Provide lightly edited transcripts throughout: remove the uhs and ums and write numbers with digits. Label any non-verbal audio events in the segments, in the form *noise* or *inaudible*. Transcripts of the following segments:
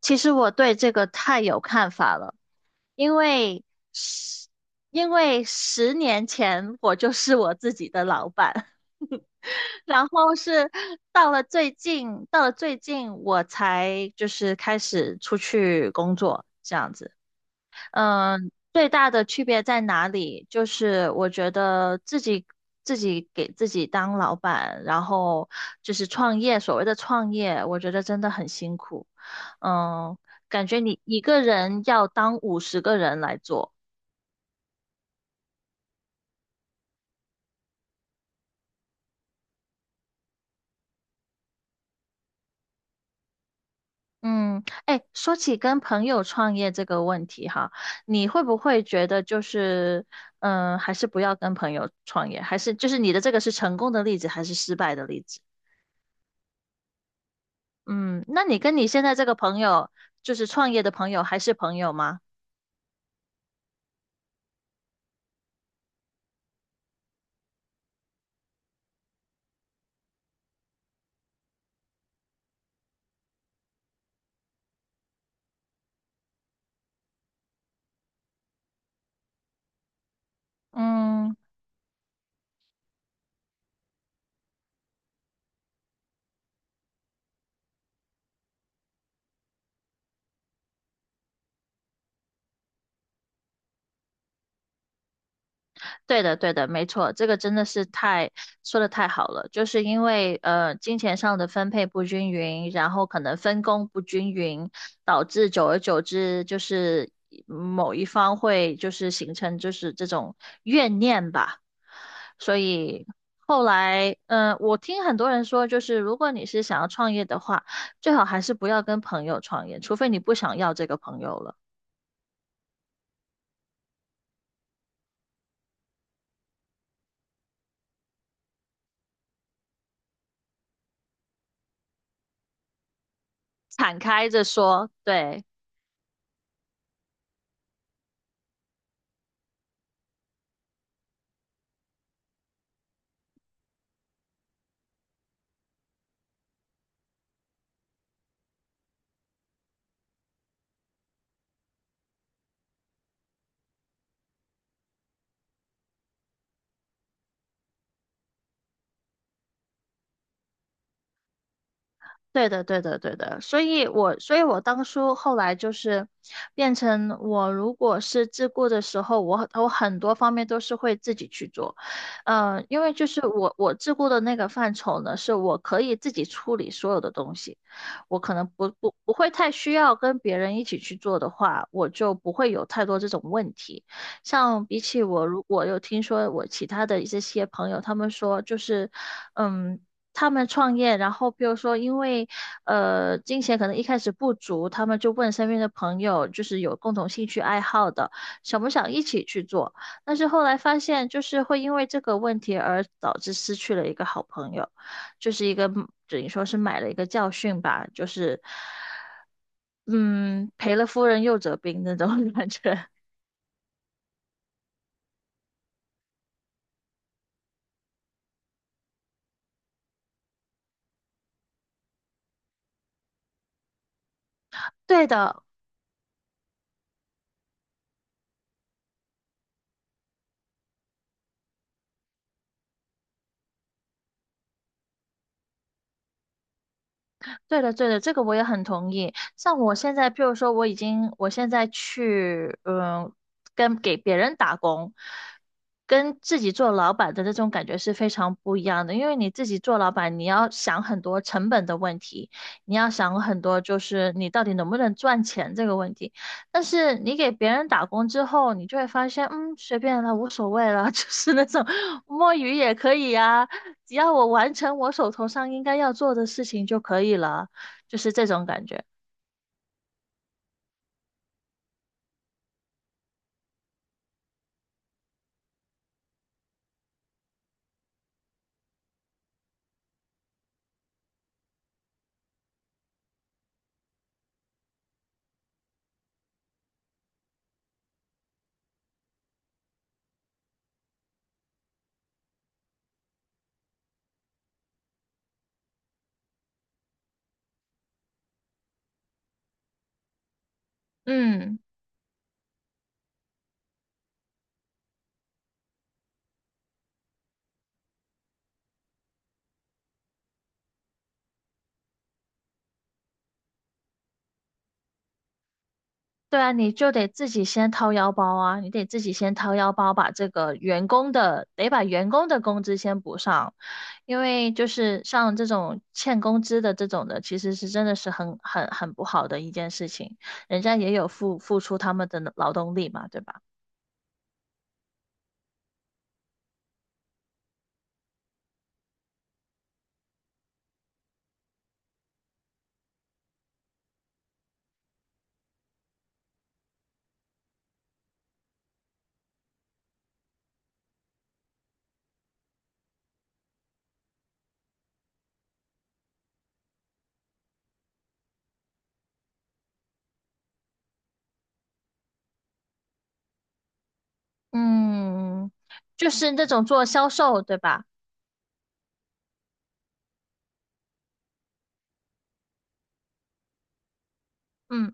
其实我对这个太有看法了，因为十因为10年前我就是我自己的老板，*laughs* 然后到了最近我才就是开始出去工作这样子。最大的区别在哪里？就是我觉得自己给自己当老板，然后就是创业，所谓的创业，我觉得真的很辛苦。嗯，感觉你一个人要当50个人来做。嗯，哎，说起跟朋友创业这个问题哈，你会不会觉得就是，还是不要跟朋友创业，还是就是你的这个是成功的例子还是失败的例子？嗯，那你跟你现在这个朋友，就是创业的朋友，还是朋友吗？嗯，对的，对的，没错，这个真的是太，说的太好了，就是因为金钱上的分配不均匀，然后可能分工不均匀，导致久而久之就是某一方会就是形成就是这种怨念吧。所以后来，我听很多人说，就是如果你是想要创业的话，最好还是不要跟朋友创业，除非你不想要这个朋友了，*laughs* 敞开着说，对。对的，对的，对的，所以我当初后来就是变成我，如果是自顾的时候，我很多方面都是会自己去做，嗯，因为就是我自顾的那个范畴呢，是我可以自己处理所有的东西，我可能不会太需要跟别人一起去做的话，我就不会有太多这种问题。像比起我，如果有听说我其他的一些朋友，他们说就是，嗯。他们创业，然后比如说因为金钱可能一开始不足，他们就问身边的朋友，就是有共同兴趣爱好的，想不想一起去做？但是后来发现，就是会因为这个问题而导致失去了一个好朋友，就是一个等于说是买了一个教训吧，就是嗯赔了夫人又折兵那种 *laughs* 感觉。对的，对的，对的，这个我也很同意。像我现在，譬如说，我已经，我现在去，跟给别人打工，跟自己做老板的那种感觉是非常不一样的。因为你自己做老板，你要想很多成本的问题，你要想很多就是你到底能不能赚钱这个问题。但是你给别人打工之后，你就会发现，随便了，无所谓了，*laughs* 就是那种摸鱼也可以呀、只要我完成我手头上应该要做的事情就可以了，就是这种感觉。嗯，对啊，你就得自己先掏腰包啊，你得自己先掏腰包，把这个员工的，得把员工的工资先补上，因为就是像这种欠工资的这种的，其实是真的是很不好的一件事情，人家也有付出他们的劳动力嘛，对吧？嗯，就是那种做销售，对吧？嗯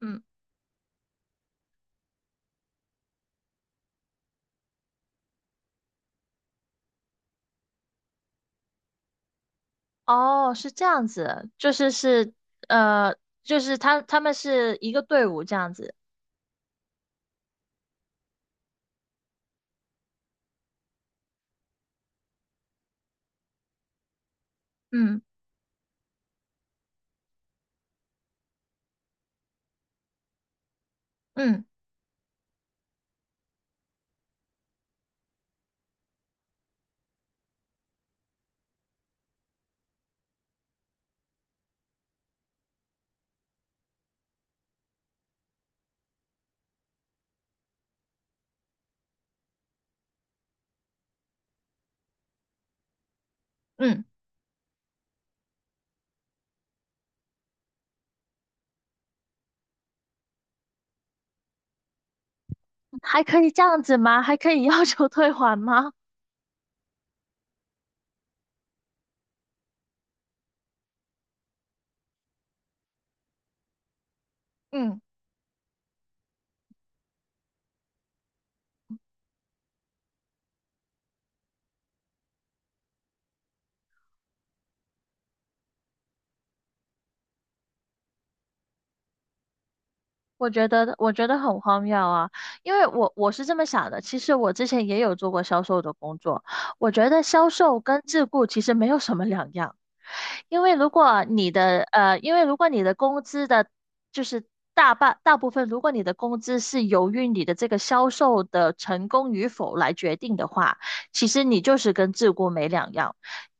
嗯。哦，是这样子，就是呃，就是他们是一个队伍这样子，嗯嗯嗯，还可以这样子吗？还可以要求退还吗？嗯。我觉得很荒谬啊，因为我是这么想的，其实我之前也有做过销售的工作，我觉得销售跟自雇其实没有什么两样，因为如果你的呃，因为如果你的工资的，就是大部分，如果你的工资是由于你的这个销售的成功与否来决定的话，其实你就是跟自雇没两样。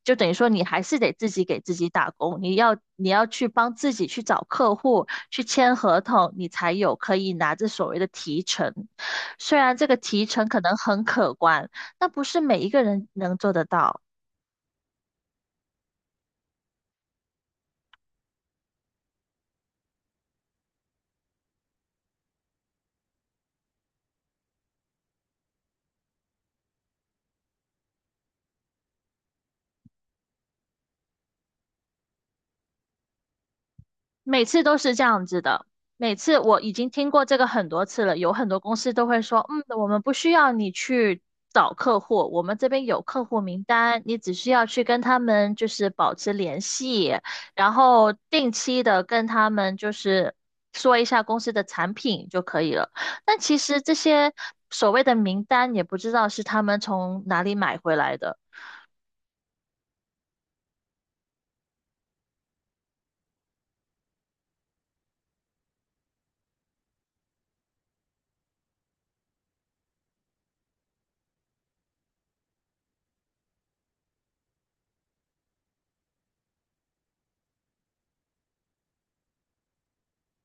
就等于说你还是得自己给自己打工，你要去帮自己去找客户，去签合同，你才有可以拿着所谓的提成。虽然这个提成可能很可观，但不是每一个人能做得到。每次都是这样子的，每次我已经听过这个很多次了，有很多公司都会说，我们不需要你去找客户，我们这边有客户名单，你只需要去跟他们就是保持联系，然后定期的跟他们就是说一下公司的产品就可以了。但其实这些所谓的名单也不知道是他们从哪里买回来的。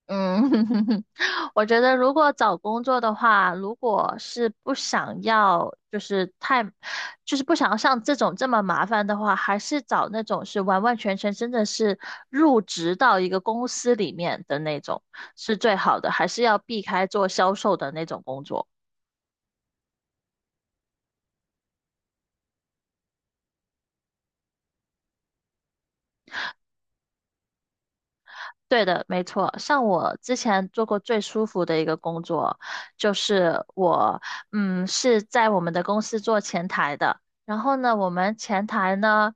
嗯，*laughs* 我觉得如果找工作的话，如果是不想要，就是太，就是不想要像这种这么麻烦的话，还是找那种是完完全全真的是入职到一个公司里面的那种是最好的，还是要避开做销售的那种工作。对的，没错。像我之前做过最舒服的一个工作，就是我，是在我们的公司做前台的。然后呢，我们前台呢，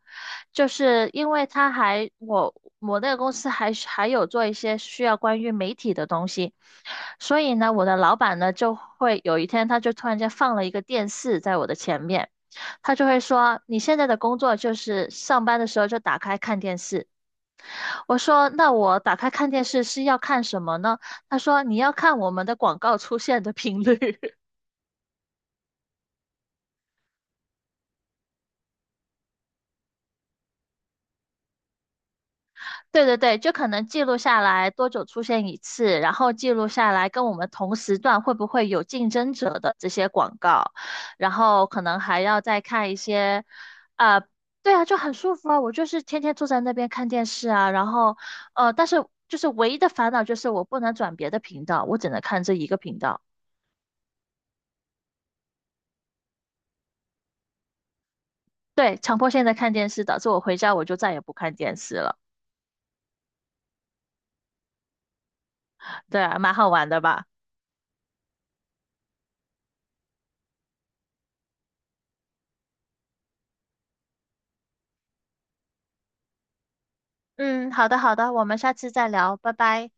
就是因为他还我我那个公司还是还有做一些需要关于媒体的东西，所以呢，我的老板呢就会有一天他就突然间放了一个电视在我的前面，他就会说：“你现在的工作就是上班的时候就打开看电视。”我说：“那我打开看电视是要看什么呢？”他说：“你要看我们的广告出现的频率。*laughs*”对对对，就可能记录下来多久出现一次，然后记录下来跟我们同时段会不会有竞争者的这些广告，然后可能还要再看一些，啊、对啊，就很舒服啊。我就是天天坐在那边看电视啊，然后但是就是唯一的烦恼就是我不能转别的频道，我只能看这一个频道。对，强迫现在看电视，导致我回家我就再也不看电视了。对啊，蛮好玩的吧？嗯，好的好的，我们下次再聊，拜拜。